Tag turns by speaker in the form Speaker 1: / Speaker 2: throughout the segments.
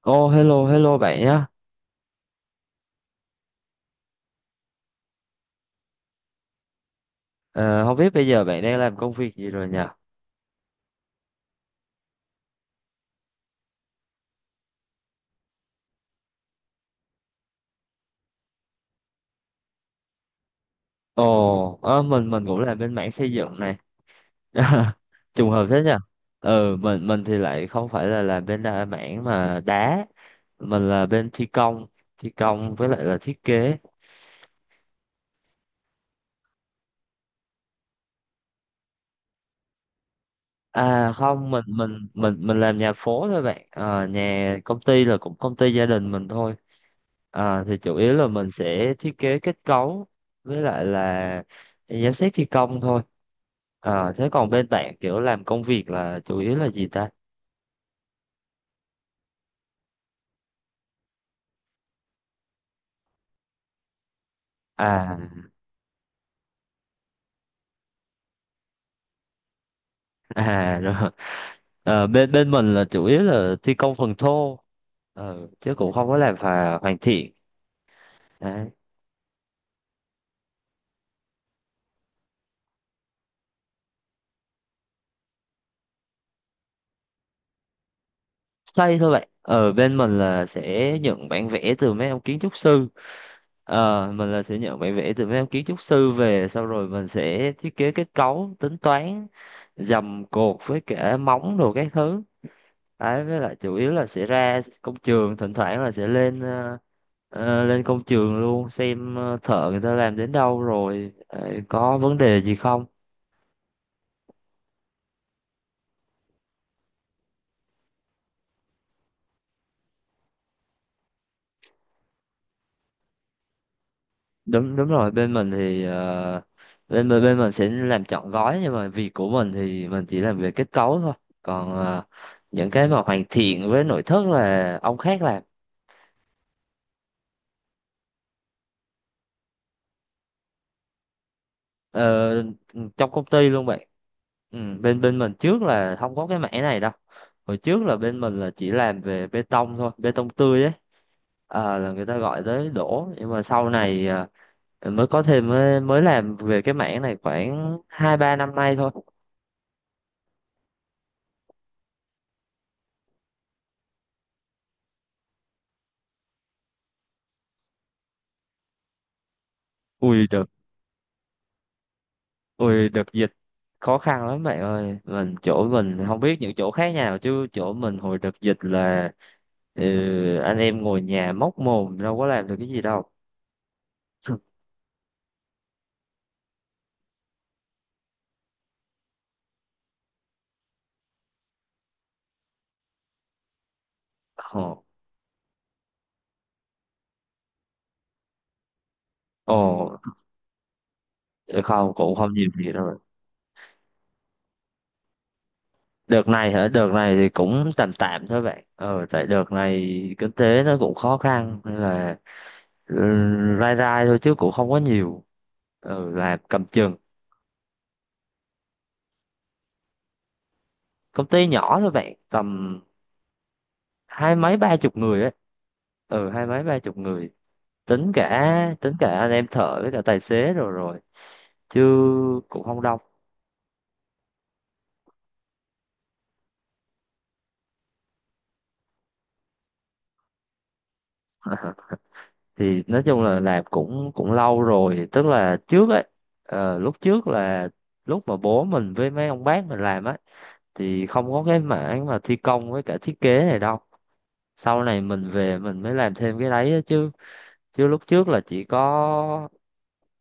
Speaker 1: Hello, hello bạn nhé. Ờ, Không biết bây giờ bạn đang làm công việc gì rồi nhỉ? Ồ, ờ, mình cũng làm bên mảng xây dựng này. Trùng hợp thế nhỉ? Mình thì lại không phải là làm bên mảng mà đá. Mình là bên thi công với lại là thiết kế. À không, mình làm nhà phố thôi bạn. Ờ, Nhà công ty là cũng công ty gia đình mình thôi. Thì chủ yếu là mình sẽ thiết kế kết cấu với lại là giám sát thi công thôi. Thế còn bên bạn kiểu làm công việc là chủ yếu là gì ta? À. À, rồi. Bên bên mình là chủ yếu là thi công phần thô. Chứ cũng không có làm hoàn thiện. Đấy. Xây thôi, vậy ở bên mình là sẽ nhận bản vẽ từ mấy ông kiến trúc sư. Mình là sẽ nhận bản vẽ từ mấy ông kiến trúc sư về sau rồi mình sẽ thiết kế kết cấu, tính toán dầm cột với cả móng đồ các thứ đấy. Với lại chủ yếu là sẽ ra công trường, thỉnh thoảng là sẽ lên lên công trường luôn xem thợ người ta làm đến đâu rồi, có vấn đề gì không. Đúng, đúng rồi. Bên mình thì bên bên bên mình sẽ làm trọn gói nhưng mà việc của mình thì mình chỉ làm về kết cấu thôi. Còn những cái mà hoàn thiện với nội thất là ông khác làm. Ờ, Trong công ty luôn bạn. Ừ, bên bên mình trước là không có cái mảng này đâu. Hồi trước là bên mình là chỉ làm về bê tông thôi, bê tông tươi ấy. Là người ta gọi tới đổ, nhưng mà sau này mới có thêm, mới làm về cái mảng này khoảng hai ba năm nay thôi. Ui được. Ui đợt dịch khó khăn lắm bạn ơi. Mình chỗ mình không biết những chỗ khác nào chứ chỗ mình hồi đợt dịch là, ừ, anh em ngồi nhà móc mồm, đâu có làm được cái gì đâu. Ồ. Ồ. Ờ, Không cũng không nhiều gì đâu bạn. Đợt này hả? Đợt này thì cũng tạm tạm thôi bạn, ờ tại đợt này kinh tế nó cũng khó khăn nên là, ừ, rai rai thôi chứ cũng không có nhiều, ờ là cầm chừng. Công ty nhỏ thôi bạn, tầm hai mấy ba chục người ấy. Ờ, hai mấy ba chục người. Tính cả, tính cả anh em thợ với cả tài xế rồi, rồi chứ cũng không đông. Thì nói chung là làm cũng cũng lâu rồi, tức là trước ấy, ờ lúc trước là lúc mà bố mình với mấy ông bác mình làm á thì không có cái mảng mà thi công với cả thiết kế này đâu. Sau này mình về mình mới làm thêm cái đấy á, chứ chứ lúc trước là chỉ có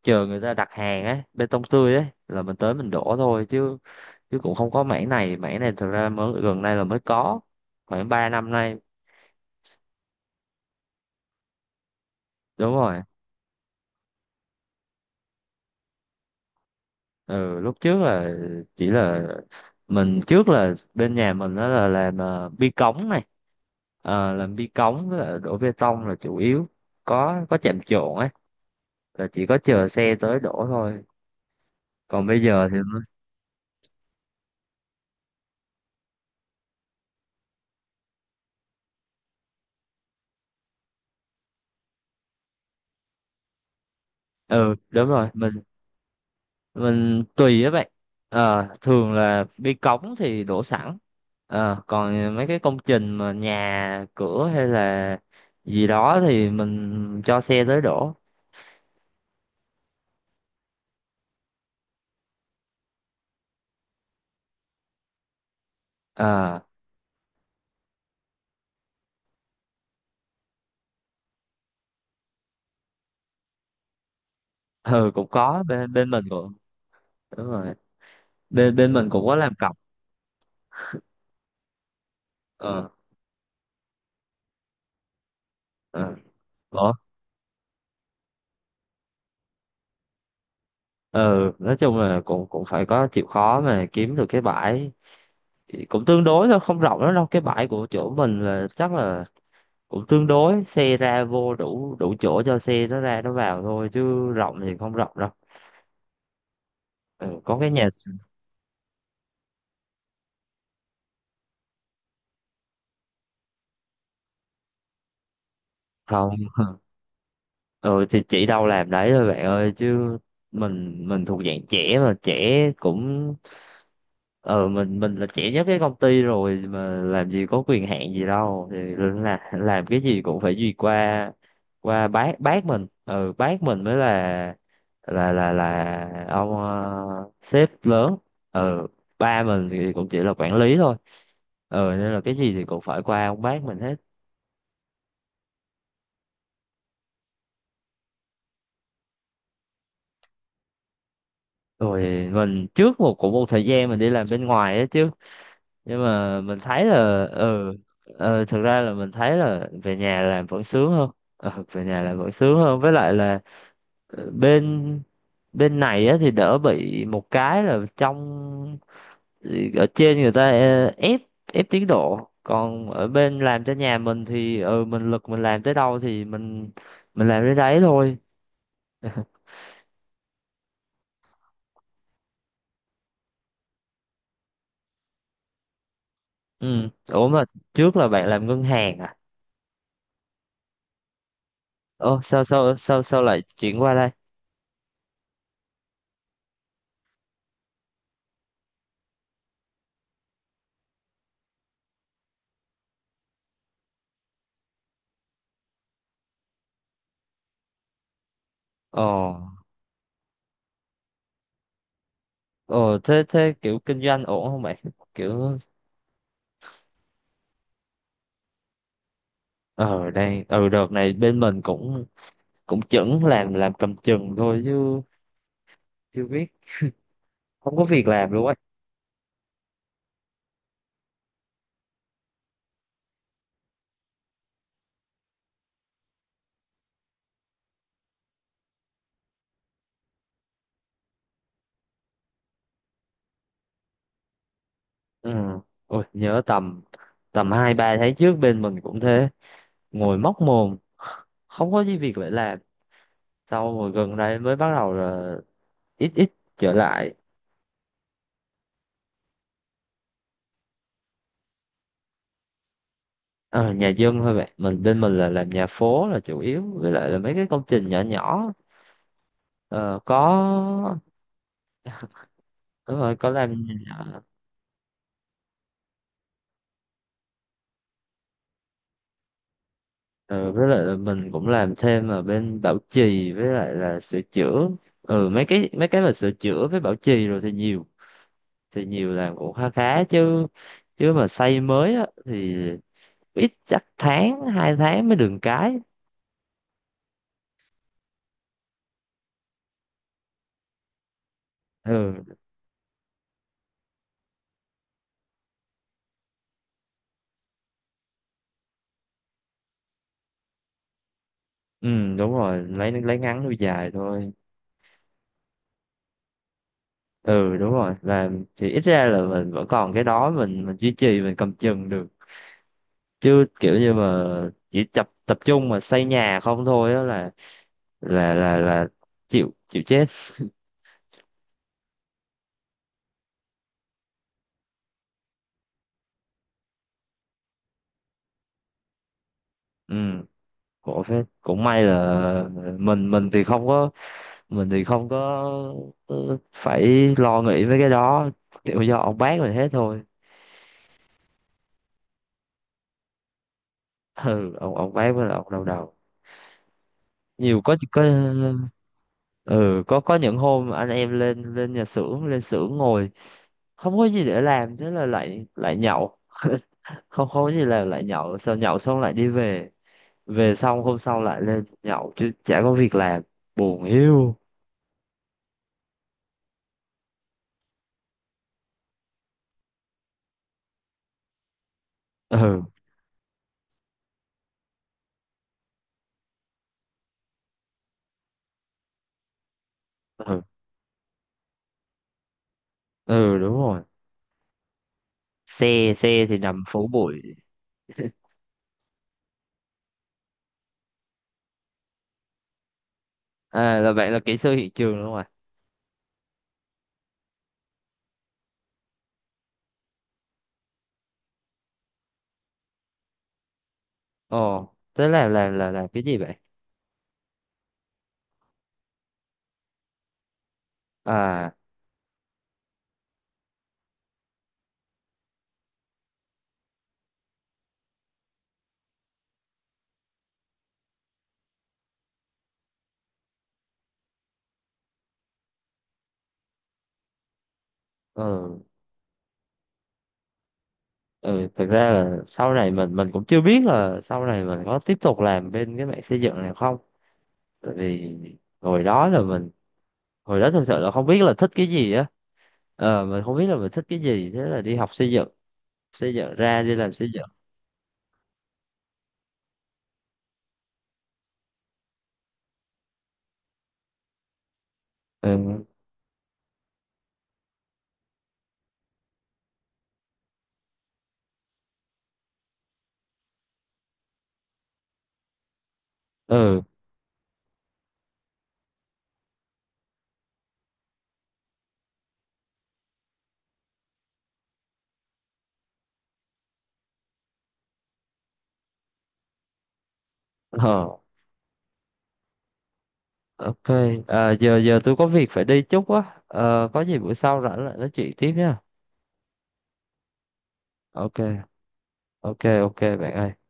Speaker 1: chờ người ta đặt hàng ấy, bê tông tươi ấy là mình tới mình đổ thôi. Chứ chứ cũng không có mảng này, mảng này thực ra mới gần đây là mới có, khoảng 3 năm nay. Đúng rồi. Ừ lúc trước là chỉ là, mình trước là bên nhà mình đó là làm bi cống này. Ờ, làm bi cống với lại đổ bê tông là chủ yếu, có chạm trộn ấy, là chỉ có chờ xe tới đổ thôi. Còn bây giờ thì, ừ đúng rồi. Mình tùy á bạn. Ờ thường là đi cống thì đổ sẵn, ờ còn mấy cái công trình mà nhà cửa hay là gì đó thì mình cho xe tới đổ. Ờ. Ừ cũng có, bên bên mình cũng, đúng rồi, bên bên mình cũng có làm cọc. Ờ. Ờ. Ừ nói chung là cũng cũng phải có chịu khó mà kiếm được cái bãi. Cũng tương đối thôi, không rộng lắm đâu, cái bãi của chỗ mình là chắc là cũng tương đối, xe ra vô đủ, đủ chỗ cho xe nó ra nó vào thôi chứ rộng thì không rộng đâu. Ừ, có cái nhà s-. Không. Ừ thì chỉ đâu làm đấy thôi bạn ơi, chứ mình thuộc dạng trẻ mà, trẻ cũng, ờ mình là trẻ nhất cái công ty rồi mà làm gì có quyền hạn gì đâu, thì là làm cái gì cũng phải duyệt qua, qua bác mình. Ừ bác mình mới là, là ông, sếp lớn. Ừ, ba mình thì cũng chỉ là quản lý thôi. Ừ nên là cái gì thì cũng phải qua ông bác mình hết. Rồi mình trước một cũng một thời gian mình đi làm bên ngoài á chứ, nhưng mà mình thấy là ừ, ừ thực ra là mình thấy là về nhà làm vẫn sướng hơn. Ừ, về nhà làm vẫn sướng hơn, với lại là bên bên này á thì đỡ bị một cái là trong, ở trên người ta ép, ép tiến độ. Còn ở bên làm cho nhà mình thì ừ, mình lực mình làm tới đâu thì mình làm tới đấy thôi. Ừ, ủa mà trước là bạn làm ngân hàng à? Ồ, sao sao sao sao lại chuyển qua đây? Ồ. Ờ thế thế kiểu kinh doanh ổn không bạn? Kiểu, ờ đây, ờ đợt này bên mình cũng cũng chững, làm cầm chừng thôi chứ chưa biết, không có việc làm luôn ấy. Ừ. Ôi nhớ tầm, tầm hai ba tháng trước bên mình cũng thế, ngồi móc mồm không có gì việc để làm. Sau rồi gần đây mới bắt đầu là ít ít trở lại. Ờ, nhà dân thôi bạn. Mình bên mình là làm nhà phố là chủ yếu với lại là mấy cái công trình nhỏ nhỏ. Ờ, có, đúng rồi, có làm. Ừ, với lại là mình cũng làm thêm ở bên bảo trì với lại là sửa chữa. Ừ, mấy cái mà sửa chữa với bảo trì rồi thì nhiều, thì nhiều làm cũng khá khá chứ. Chứ mà xây mới á thì ít, chắc tháng hai tháng mới được cái. Ừ. Ừ đúng rồi, lấy ngắn nuôi dài thôi. Ừ đúng rồi, làm thì ít ra là mình vẫn còn cái đó, mình duy trì, mình cầm chừng được. Chứ kiểu như mà chỉ tập tập trung mà xây nhà không thôi á là, là chịu, chịu chết. Ừ, khổ phết. Cũng may là mình, mình thì không có phải lo nghĩ mấy cái đó, kiểu do ông bác mình hết thôi. Ừ, ông bác với là ông đau đầu nhiều. Có, ừ có những hôm anh em lên, lên nhà xưởng, lên xưởng ngồi không có gì để làm, thế là lại lại nhậu. Không, không có gì là lại nhậu, sau nhậu xong lại đi về. Về xong hôm sau lại lên nhậu chứ chả có việc làm. Buồn hiu. Ừ. Ừ. Ừ đúng rồi, xe xe thì nằm phố bụi. À là vậy, là kỹ sư hiện trường đúng không ạ? Ồ thế là là cái gì vậy? À. Ừ. Ừ thực ra là sau này mình cũng chưa biết là sau này mình có tiếp tục làm bên cái mạng xây dựng này không. Tại vì hồi đó là mình, hồi đó thực sự là không biết là thích cái gì á. Ờ mình không biết là mình thích cái gì, thế là đi học xây dựng. Xây dựng ra đi làm xây dựng. Ừ. Ừ. Ờ ok. À, giờ giờ tôi có việc phải đi chút á. Ờ có gì bữa sau rảnh lại nói chuyện tiếp nha. Ok, ok, ok bạn ơi.